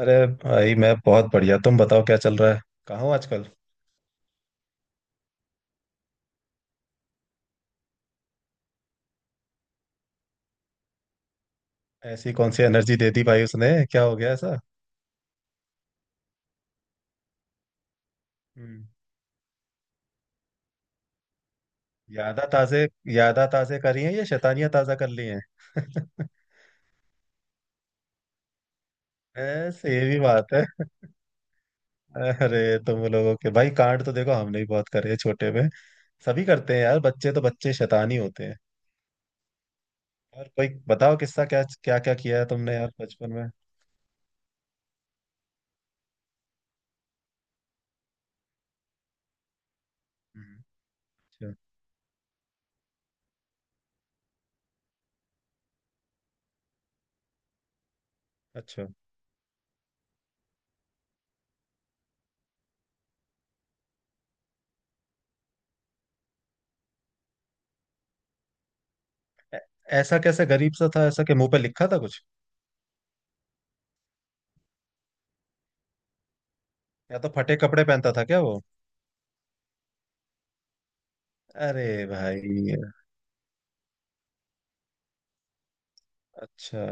अरे भाई, मैं बहुत बढ़िया। तुम बताओ क्या चल रहा है। कहाँ हो आजकल? ऐसी कौन सी एनर्जी दे दी भाई उसने, क्या हो गया ऐसा? हम्म। यादा ताजे। यादा ताजे करी हैं या शैतानियां ताजा कर ली हैं? ऐसे ये भी बात है। अरे तुम लोगों के भाई कांड तो देखो, हमने भी बहुत करे हैं छोटे में। सभी करते हैं यार, बच्चे तो बच्चे शैतान ही होते हैं। और कोई बताओ किस्सा, क्या क्या क्या किया है तुमने यार बचपन में? हम्म, अच्छा। अच्छा। ऐ- ऐसा कैसे गरीब सा था ऐसा कि मुंह पे लिखा था कुछ? या तो फटे कपड़े पहनता था क्या वो? अरे भाई। अच्छा।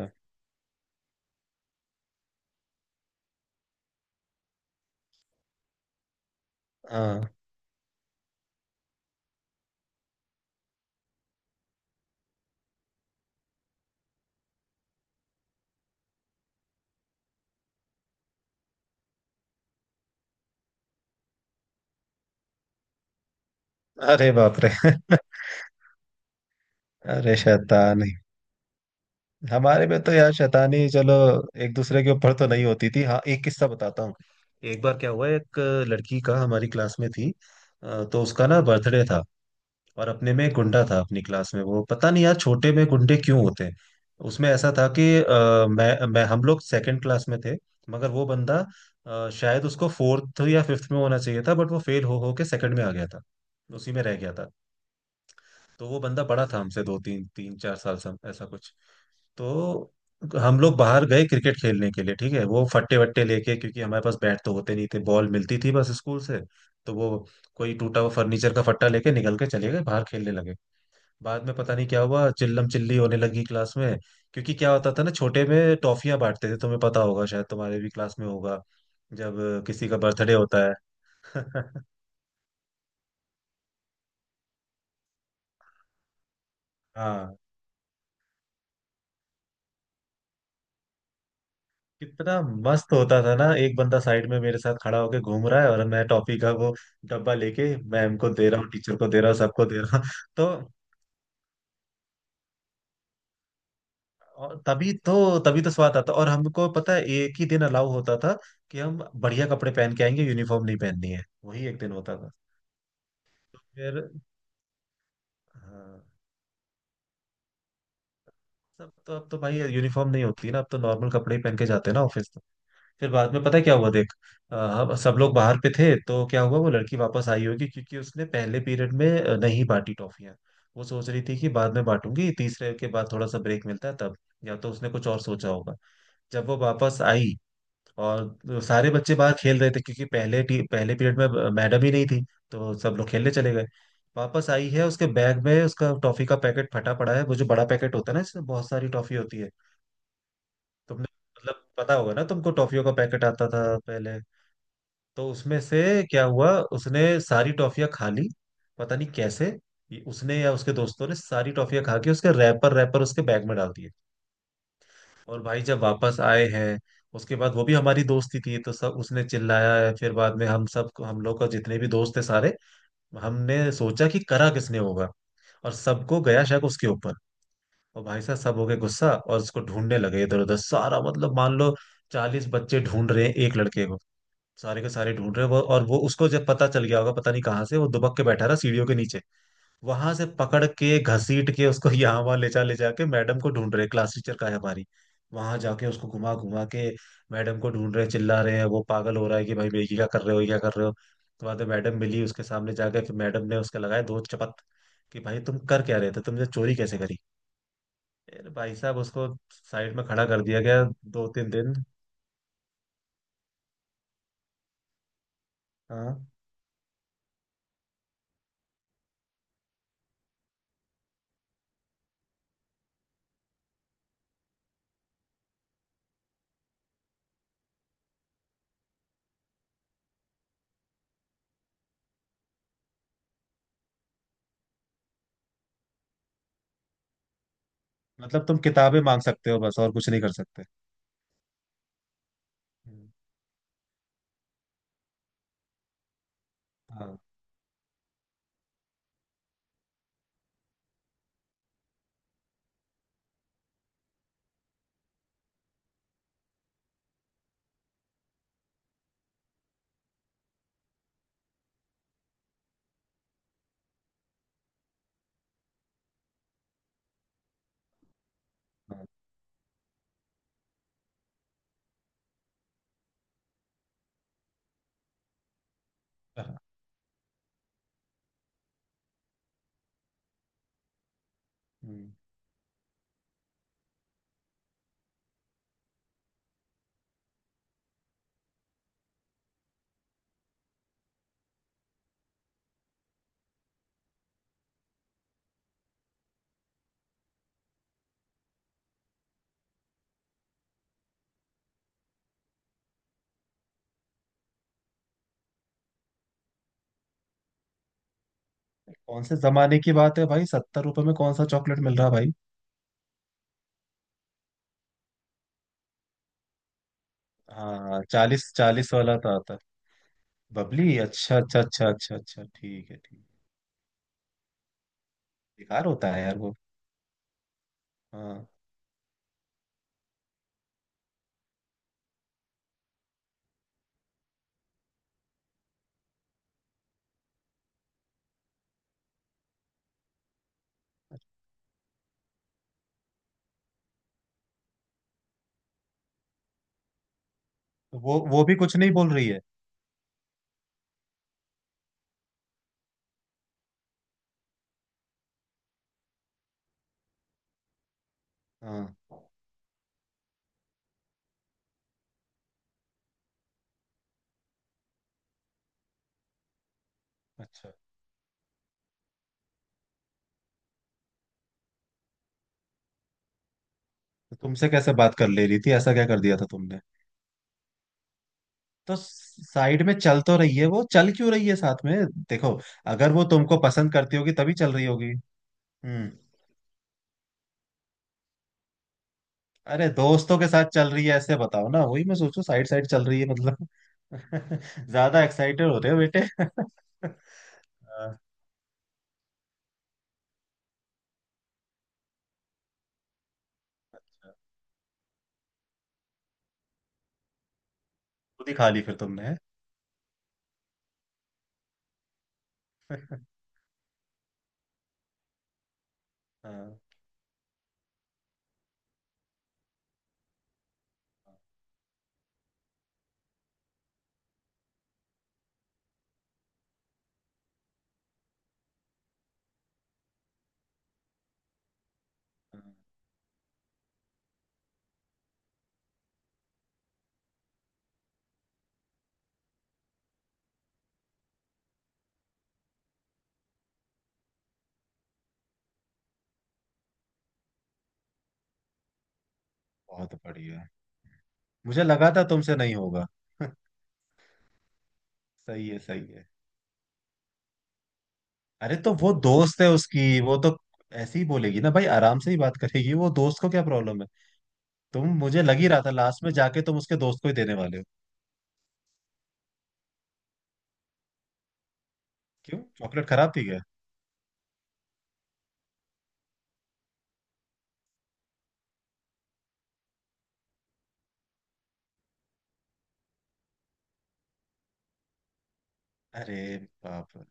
हाँ। अरे बाप रे। अरे शैतानी। हमारे में तो यार शैतानी, चलो एक दूसरे के ऊपर तो नहीं होती थी। हाँ, एक किस्सा बताता हूँ। एक बार क्या हुआ, एक लड़की का हमारी क्लास में थी, तो उसका ना बर्थडे था। और अपने में एक गुंडा था अपनी क्लास में, वो पता नहीं यार छोटे में गुंडे क्यों होते हैं। उसमें ऐसा था कि मैं हम लोग सेकंड क्लास में थे। मगर वो बंदा, शायद उसको फोर्थ या फिफ्थ में होना चाहिए था बट वो फेल हो के सेकंड में आ गया था, उसी में रह गया था। तो वो बंदा बड़ा था हमसे, दो तीन तीन चार साल से ऐसा कुछ। तो हम लोग बाहर गए क्रिकेट खेलने के लिए, ठीक है, वो फट्टे वट्टे लेके, क्योंकि हमारे पास बैट तो होते नहीं थे, बॉल मिलती थी बस स्कूल से। तो वो कोई टूटा हुआ फर्नीचर का फट्टा लेके निकल के चले गए, बाहर खेलने लगे। बाद में पता नहीं क्या हुआ, चिल्लम चिल्ली होने लगी क्लास में। क्योंकि क्या होता था ना, छोटे में टॉफियां बांटते थे, तुम्हें पता होगा शायद, तुम्हारे भी क्लास में होगा जब किसी का बर्थडे होता है। हाँ। कितना मस्त होता था ना, एक बंदा साइड में मेरे साथ खड़ा होके घूम रहा है और मैं टॉफी का वो डब्बा लेके मैम को दे रहा हूँ, टीचर को दे रहा हूँ, सबको दे रहा हूँ। तो। और तभी तो, स्वाद आता, और हमको पता है एक ही दिन अलाउ होता था कि हम बढ़िया कपड़े पहन के आएंगे, यूनिफॉर्म नहीं पहननी है, वही एक दिन होता था। तो फिर। हाँ। सब तो अब तो भाई यूनिफॉर्म नहीं होती ना, अब तो नॉर्मल कपड़े ही पहन के जाते हैं ना ऑफिस तो। फिर बाद में पता है क्या हुआ देख, हम सब लोग बाहर पे थे तो क्या हुआ, वो लड़की वापस आई होगी क्योंकि उसने पहले पीरियड में नहीं बांटी टॉफियां। वो सोच रही थी कि बाद में बांटूंगी, तीसरे के बाद थोड़ा सा ब्रेक मिलता है तब, या तो उसने कुछ और सोचा होगा। जब वो वापस आई और सारे बच्चे बाहर खेल रहे थे क्योंकि पहले पीरियड में मैडम ही नहीं थी, तो सब लोग खेलने चले गए। वापस आई है, उसके बैग में उसका टॉफी का पैकेट फटा पड़ा है, वो जो बड़ा पैकेट होता है ना, इसमें बहुत सारी टॉफी होती है। तुमने, मतलब पता होगा ना तुमको, टॉफियों का पैकेट आता था पहले। तो उसमें से क्या हुआ, उसने सारी टॉफियां खा ली, पता नहीं कैसे। उसने या उसके दोस्तों ने सारी टॉफियां खा के उसके रैपर रैपर उसके बैग में डाल दिए। और भाई जब वापस आए हैं उसके बाद, वो भी हमारी दोस्ती थी, तो सब, उसने चिल्लाया है। फिर बाद में हम लोग का जितने भी दोस्त थे सारे, हमने सोचा कि करा किसने होगा, और सबको गया शक उसके ऊपर। और भाई साहब सब हो गए गुस्सा और उसको ढूंढने लगे इधर उधर, सारा मतलब, मान लो 40 बच्चे ढूंढ रहे हैं एक लड़के को। सारे के सारे ढूंढ रहे हैं वो, और वो उसको जब पता चल गया होगा पता नहीं कहाँ से, वो दुबक के बैठा रहा सीढ़ियों के नीचे। वहां से पकड़ के घसीट के उसको यहाँ वहां ले जा ले जाके मैडम को ढूंढ रहे, क्लास टीचर का है हमारी। वहां जाके उसको घुमा घुमा के मैडम को ढूंढ रहे, चिल्ला रहे हैं। वो पागल हो रहा है कि भाई भाई क्या कर रहे हो, ये क्या कर रहे हो। तो बाद में मैडम मिली, उसके सामने जाकर फिर मैडम ने उसके लगाया दो चपत कि भाई तुम कर क्या रहे थे, तुमने चोरी कैसे करी। फिर भाई साहब उसको साइड में खड़ा कर दिया गया 2-3 दिन। हाँ। मतलब तुम किताबें मांग सकते हो बस, और कुछ नहीं कर सकते। हम्म। हाँ हाँ हाँ, हम्म। कौन से जमाने की बात है भाई, 70 रुपए में कौन सा चॉकलेट मिल रहा भाई? हाँ, चालीस चालीस वाला था। बबली। अच्छा अच्छा अच्छा अच्छा अच्छा, ठीक है ठीक है। बेकार होता है यार वो। हाँ। तो वो भी कुछ नहीं बोल रही है? हाँ। अच्छा। तो तुमसे कैसे बात कर ले रही थी, ऐसा क्या कर दिया था तुमने? तो साइड में चल तो रही है वो, चल क्यों रही है साथ में? देखो, अगर वो तुमको पसंद करती होगी तभी चल रही होगी। हम्म। अरे दोस्तों के साथ चल रही है ऐसे बताओ ना, वही मैं सोचू साइड साइड चल रही है मतलब। ज्यादा एक्साइटेड हो रहे हो बेटे। अच्छा, खुद ही खा ली फिर तुमने, हैं? हाँ, हाँ, बहुत बढ़िया। मुझे लगा था तुमसे नहीं होगा। सही है सही है। अरे तो वो दोस्त है उसकी, वो तो ऐसे ही बोलेगी ना भाई, आराम से ही बात करेगी, वो दोस्त को क्या प्रॉब्लम है। तुम, मुझे लग ही रहा था लास्ट में जाके तुम उसके दोस्त को ही देने वाले हो। क्यों, चॉकलेट खराब थी क्या? अरे बाप रे,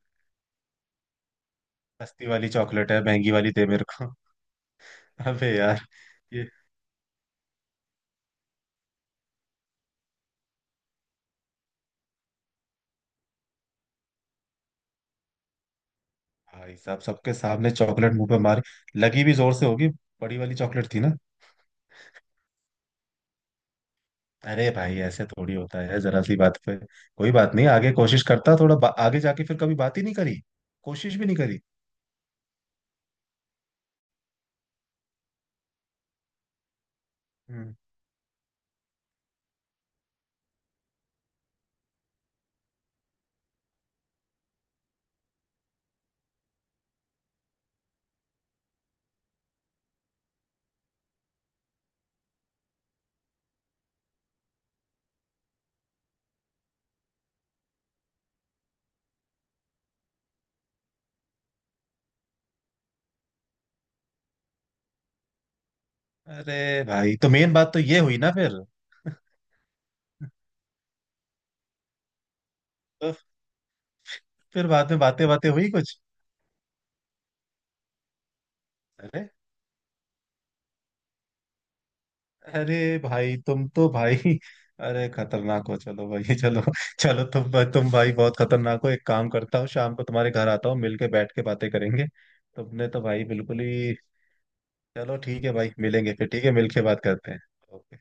सस्ती वाली चॉकलेट है महंगी वाली दे मेरे को। अबे यार, ये भाई साहब सबके सामने चॉकलेट मुंह पे मारी। लगी भी जोर से होगी, बड़ी वाली चॉकलेट थी ना। अरे भाई ऐसे थोड़ी होता है जरा सी बात पे। कोई बात नहीं, आगे कोशिश करता थोड़ा आगे जाके फिर कभी बात ही नहीं करी, कोशिश भी नहीं करी। हम्म। अरे भाई, तो मेन बात तो ये हुई ना फिर। तो फिर बाद में बातें बातें हुई कुछ? अरे। अरे भाई तुम तो भाई, अरे खतरनाक हो चलो भाई। चलो। चलो तुम भाई बहुत खतरनाक हो। एक काम करता हूँ शाम को, तुम्हारे घर आता हूँ मिलके बैठ के बातें करेंगे। तुमने तो भाई बिल्कुल ही। चलो ठीक है भाई, मिलेंगे फिर, ठीक है, मिलके बात करते हैं। ओके।